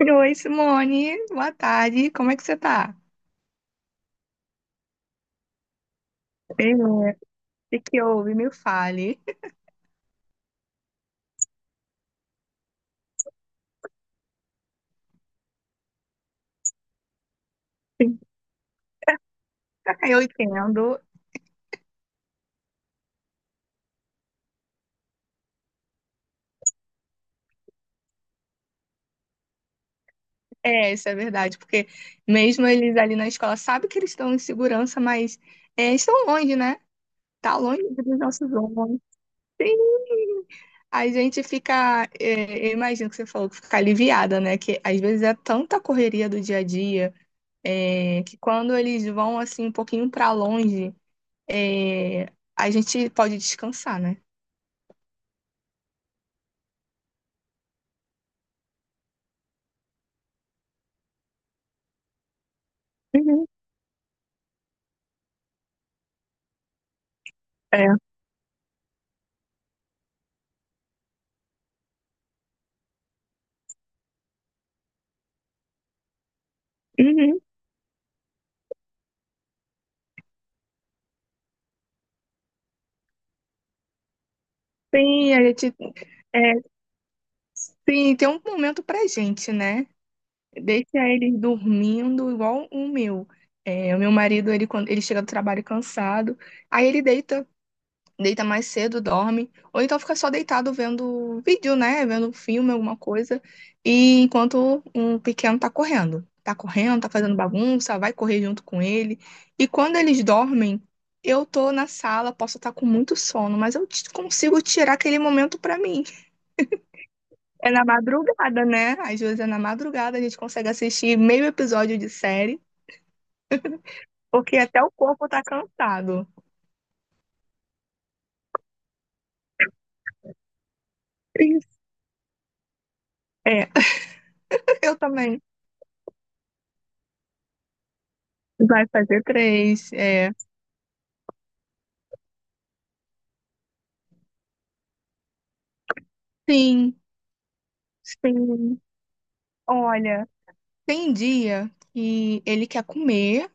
Oi, Simone. Boa tarde. Como é que você tá? Bem, né? O que que houve? Me fale. Eu entendo. É, isso é verdade, porque mesmo eles ali na escola sabem que eles estão em segurança, mas é, estão longe, né? Tá longe dos nossos homens. Sim. A gente fica, é, eu imagino que você falou que fica aliviada, né? Que às vezes é tanta correria do dia a dia, é, que quando eles vão assim um pouquinho pra longe, é, a gente pode descansar, né? Uhum. Uhum. Sim, a gente, é, sim, tem um momento pra gente, né? Deixa eles dormindo igual o meu. É, o meu marido, ele, quando ele chega do trabalho cansado, aí ele deita, deita mais cedo, dorme, ou então fica só deitado vendo vídeo, né? Vendo filme, alguma coisa, e enquanto o pequeno tá correndo. Tá correndo, tá fazendo bagunça, vai correr junto com ele. E quando eles dormem, eu tô na sala, posso estar com muito sono, mas eu consigo tirar aquele momento pra mim. É na madrugada, né? Às vezes é na madrugada, a gente consegue assistir meio episódio de série, porque até o corpo tá cansado. Triste. É, eu também. Vai fazer 3, é. Sim, sim. Olha, tem dia que ele quer comer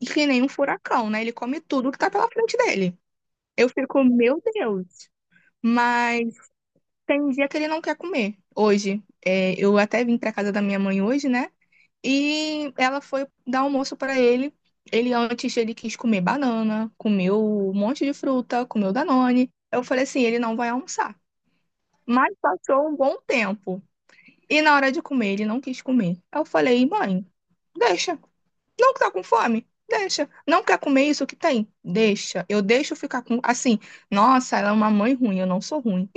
e que nem um furacão, né? Ele come tudo que tá pela frente dele. Eu fico, meu Deus. Mas tem dia que ele não quer comer. Hoje, é, eu até vim pra casa da minha mãe hoje, né? E ela foi dar almoço para ele. Ele antes ele quis comer banana, comeu um monte de fruta, comeu Danone. Eu falei assim, ele não vai almoçar. Mas passou um bom tempo. E na hora de comer, ele não quis comer. Aí eu falei, mãe, deixa. Não que tá com fome? Deixa. Não quer comer isso que tem? Deixa. Eu deixo ficar com. Assim, nossa, ela é uma mãe ruim, eu não sou ruim.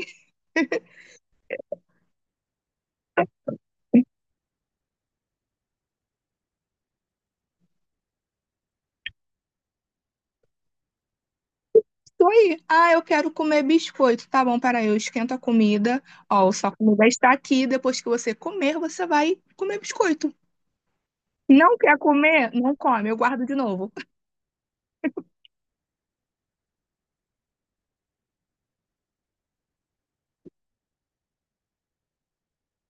Tô aí. Ah, eu quero comer biscoito. Tá bom, peraí, eu esquento a comida. Ó, sua comida está aqui. Depois que você comer, você vai comer biscoito. Não quer comer? Não come, eu guardo de novo.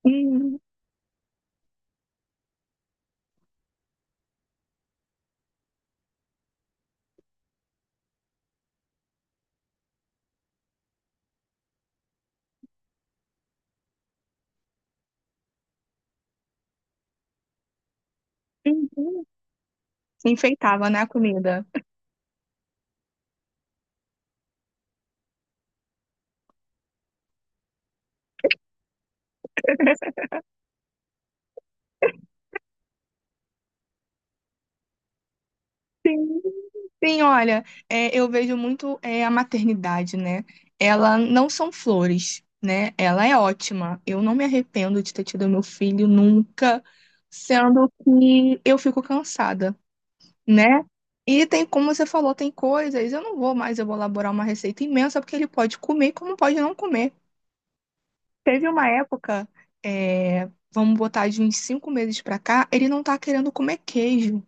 Uhum, uhum. Enfeitava, né, a comida. Sim, olha, é, eu vejo muito é, a maternidade, né? Ela não são flores, né? Ela é ótima. Eu não me arrependo de ter tido meu filho nunca, sendo que eu fico cansada. Né? E tem, como você falou, tem coisas, eu não vou mais elaborar uma receita imensa, porque ele pode comer, como pode não comer. Teve uma época, é, vamos botar de uns 5 meses pra cá, ele não tá querendo comer queijo.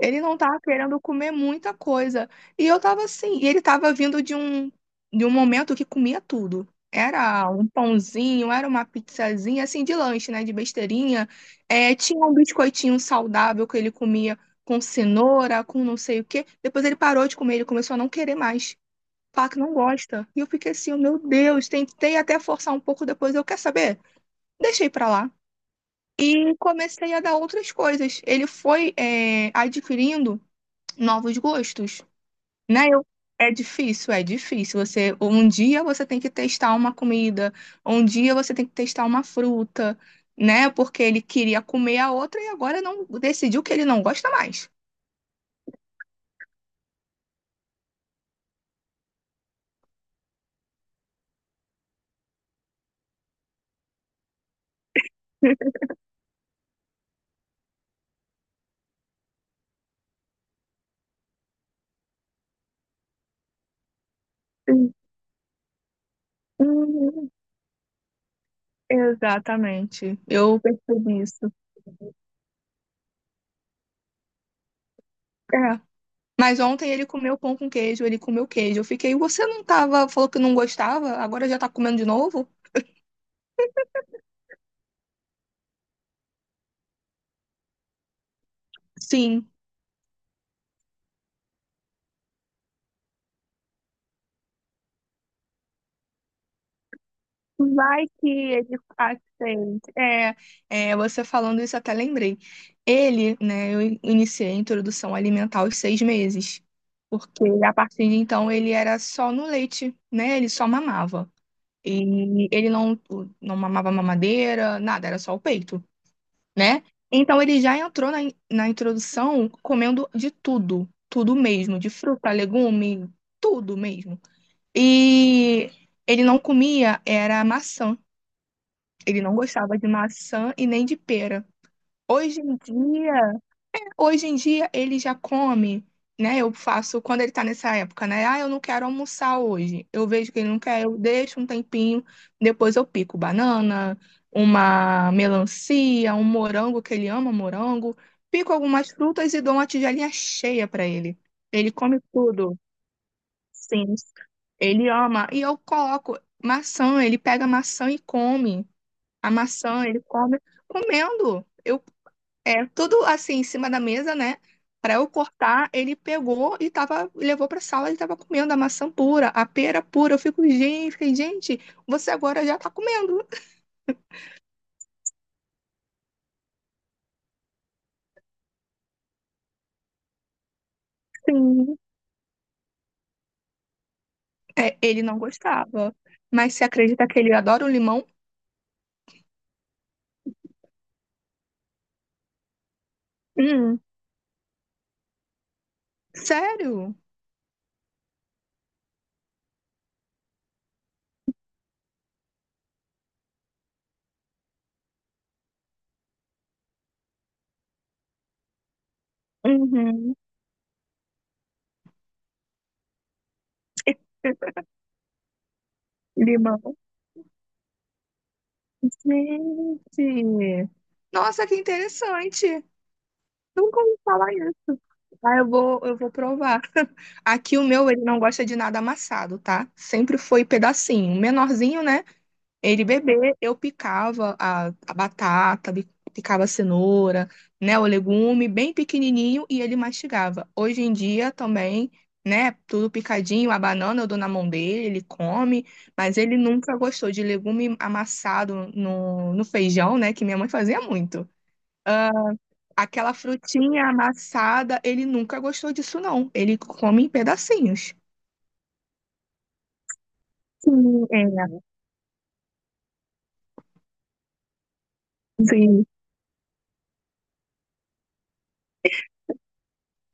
Ele não tava querendo comer muita coisa. E eu tava assim, e ele tava vindo de um momento que comia tudo. Era um pãozinho, era uma pizzazinha, assim, de lanche, né? De besteirinha. É, tinha um biscoitinho saudável que ele comia com cenoura, com não sei o quê. Depois ele parou de comer, ele começou a não querer mais. Falar que não gosta. E eu fiquei assim, oh, meu Deus, tentei até forçar um pouco depois. Eu quer saber? Deixei pra lá. E comecei a dar outras coisas. Ele foi, é, adquirindo novos gostos, né? É difícil, é difícil. Você, um dia você tem que testar uma comida, um dia você tem que testar uma fruta, né? Porque ele queria comer a outra e agora não decidiu que ele não gosta mais. Sim. Uhum. Exatamente. Eu percebi isso. É. Mas ontem ele comeu pão com queijo, ele comeu queijo. Eu fiquei, você não tava, falou que não gostava, agora já tá comendo de novo? Sim. Vai que ele aceita. É, é, você falando isso, eu até lembrei. Ele, né, eu iniciei a introdução alimentar aos 6 meses, porque a partir de então ele era só no leite, né? Ele só mamava. E ele não, não mamava mamadeira, nada, era só o peito, né? Então ele já entrou na introdução comendo de tudo, tudo mesmo, de fruta, legume, tudo mesmo. E ele não comia, era maçã. Ele não gostava de maçã e nem de pera. Hoje em dia, hoje em dia ele já come, né? Eu faço quando ele tá nessa época, né? Ah, eu não quero almoçar hoje. Eu vejo que ele não quer, eu deixo um tempinho, depois eu pico banana, uma melancia, um morango que ele ama morango, pico algumas frutas e dou uma tigelinha cheia pra ele. Ele come tudo. Sim. Ele ama e eu coloco maçã, ele pega maçã e come. A maçã, ele come comendo. Eu, é tudo assim em cima da mesa, né? Para eu cortar, ele pegou e tava, levou para sala e tava comendo a maçã pura, a pera pura. Eu fico, gente, fiquei, gente, você agora já tá comendo. Sim. É, ele não gostava. Mas você acredita que ele adora o limão? Hum, sério? Uhum. Limão. Gente. Nossa, que interessante. Nunca ouvi falar isso. Ah, eu vou provar. Aqui o meu, ele não gosta de nada amassado, tá? Sempre foi pedacinho. Menorzinho, né? Ele bebê, eu picava a batata, picava a cenoura, né? O legume, bem pequenininho, e ele mastigava. Hoje em dia também, né? Tudo picadinho, a banana eu dou na mão dele, ele come, mas ele nunca gostou de legume amassado no, no feijão, né? Que minha mãe fazia muito. Ah, aquela frutinha amassada, ele nunca gostou disso, não. Ele come em pedacinhos. Sim, é, sim.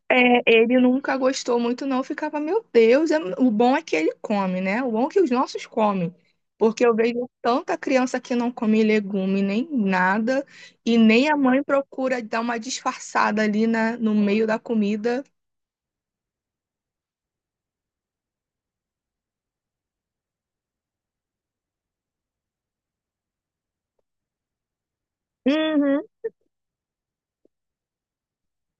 É, ele nunca gostou muito, não. Ficava, meu Deus, é- o bom é que ele come, né? O bom é que os nossos comem. Porque eu vejo tanta criança que não come legume nem nada, e nem a mãe procura dar uma disfarçada ali na, no meio da comida. Uhum.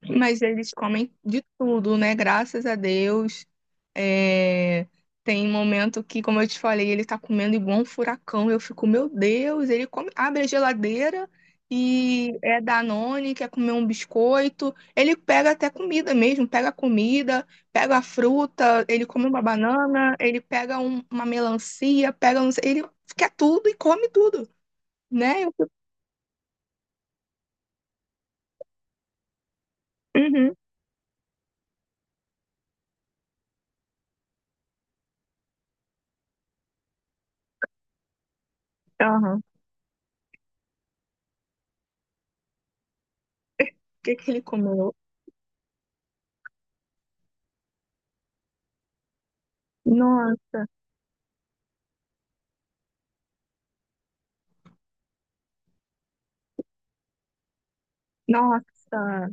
Mas eles comem de tudo, né? Graças a Deus. É, tem momento que, como eu te falei, ele tá comendo igual um furacão. Eu fico, meu Deus, ele come, abre a geladeira e é Danone, quer comer um biscoito. Ele pega até comida mesmo, pega comida, pega fruta, ele come uma banana, ele pega uma melancia, pega não sei, ele quer tudo e come tudo, né? Eu fico, uhum, aham. O que que ele comeu? No- Nossa.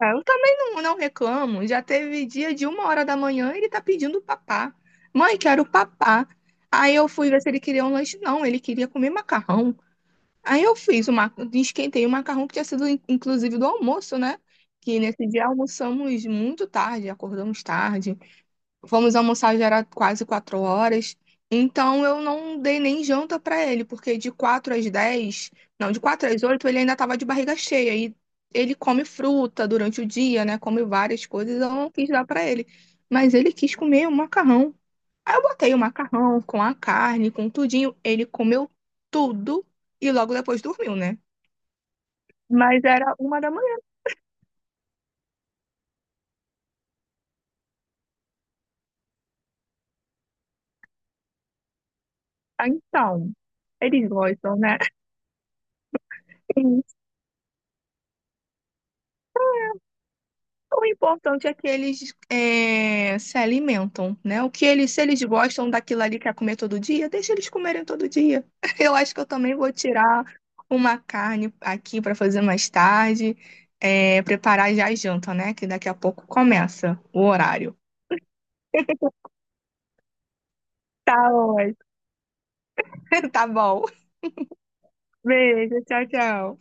Ah, eu também não, não reclamo. Já teve dia de 1 hora da manhã, ele tá pedindo papá. Mãe, quero papá. Aí eu fui ver se ele queria um lanche. Não, ele queria comer macarrão. Aí eu fiz esquentei o macarrão que tinha sido inclusive do almoço, né? Que nesse dia almoçamos muito tarde, acordamos tarde. Fomos almoçar, já era quase 4 horas. Então eu não dei nem janta pra ele, porque de 4 às 10, não, de 4 às 8 ele ainda tava de barriga cheia. E ele come fruta durante o dia, né? Come várias coisas, eu não quis dar pra ele. Mas ele quis comer o macarrão. Aí eu botei o macarrão com a carne, com tudinho. Ele comeu tudo e logo depois dormiu, né? Mas era 1 da manhã. Ah, então, eles gostam, né? O importante é que eles é, se alimentam, né? O que eles, se eles gostam daquilo ali que é comer todo dia, deixa eles comerem todo dia. Eu acho que eu também vou tirar uma carne aqui para fazer mais tarde, é, preparar já a janta, né? Que daqui a pouco começa o horário. Tá ótimo. Tá bom. Beijo, tchau, tchau.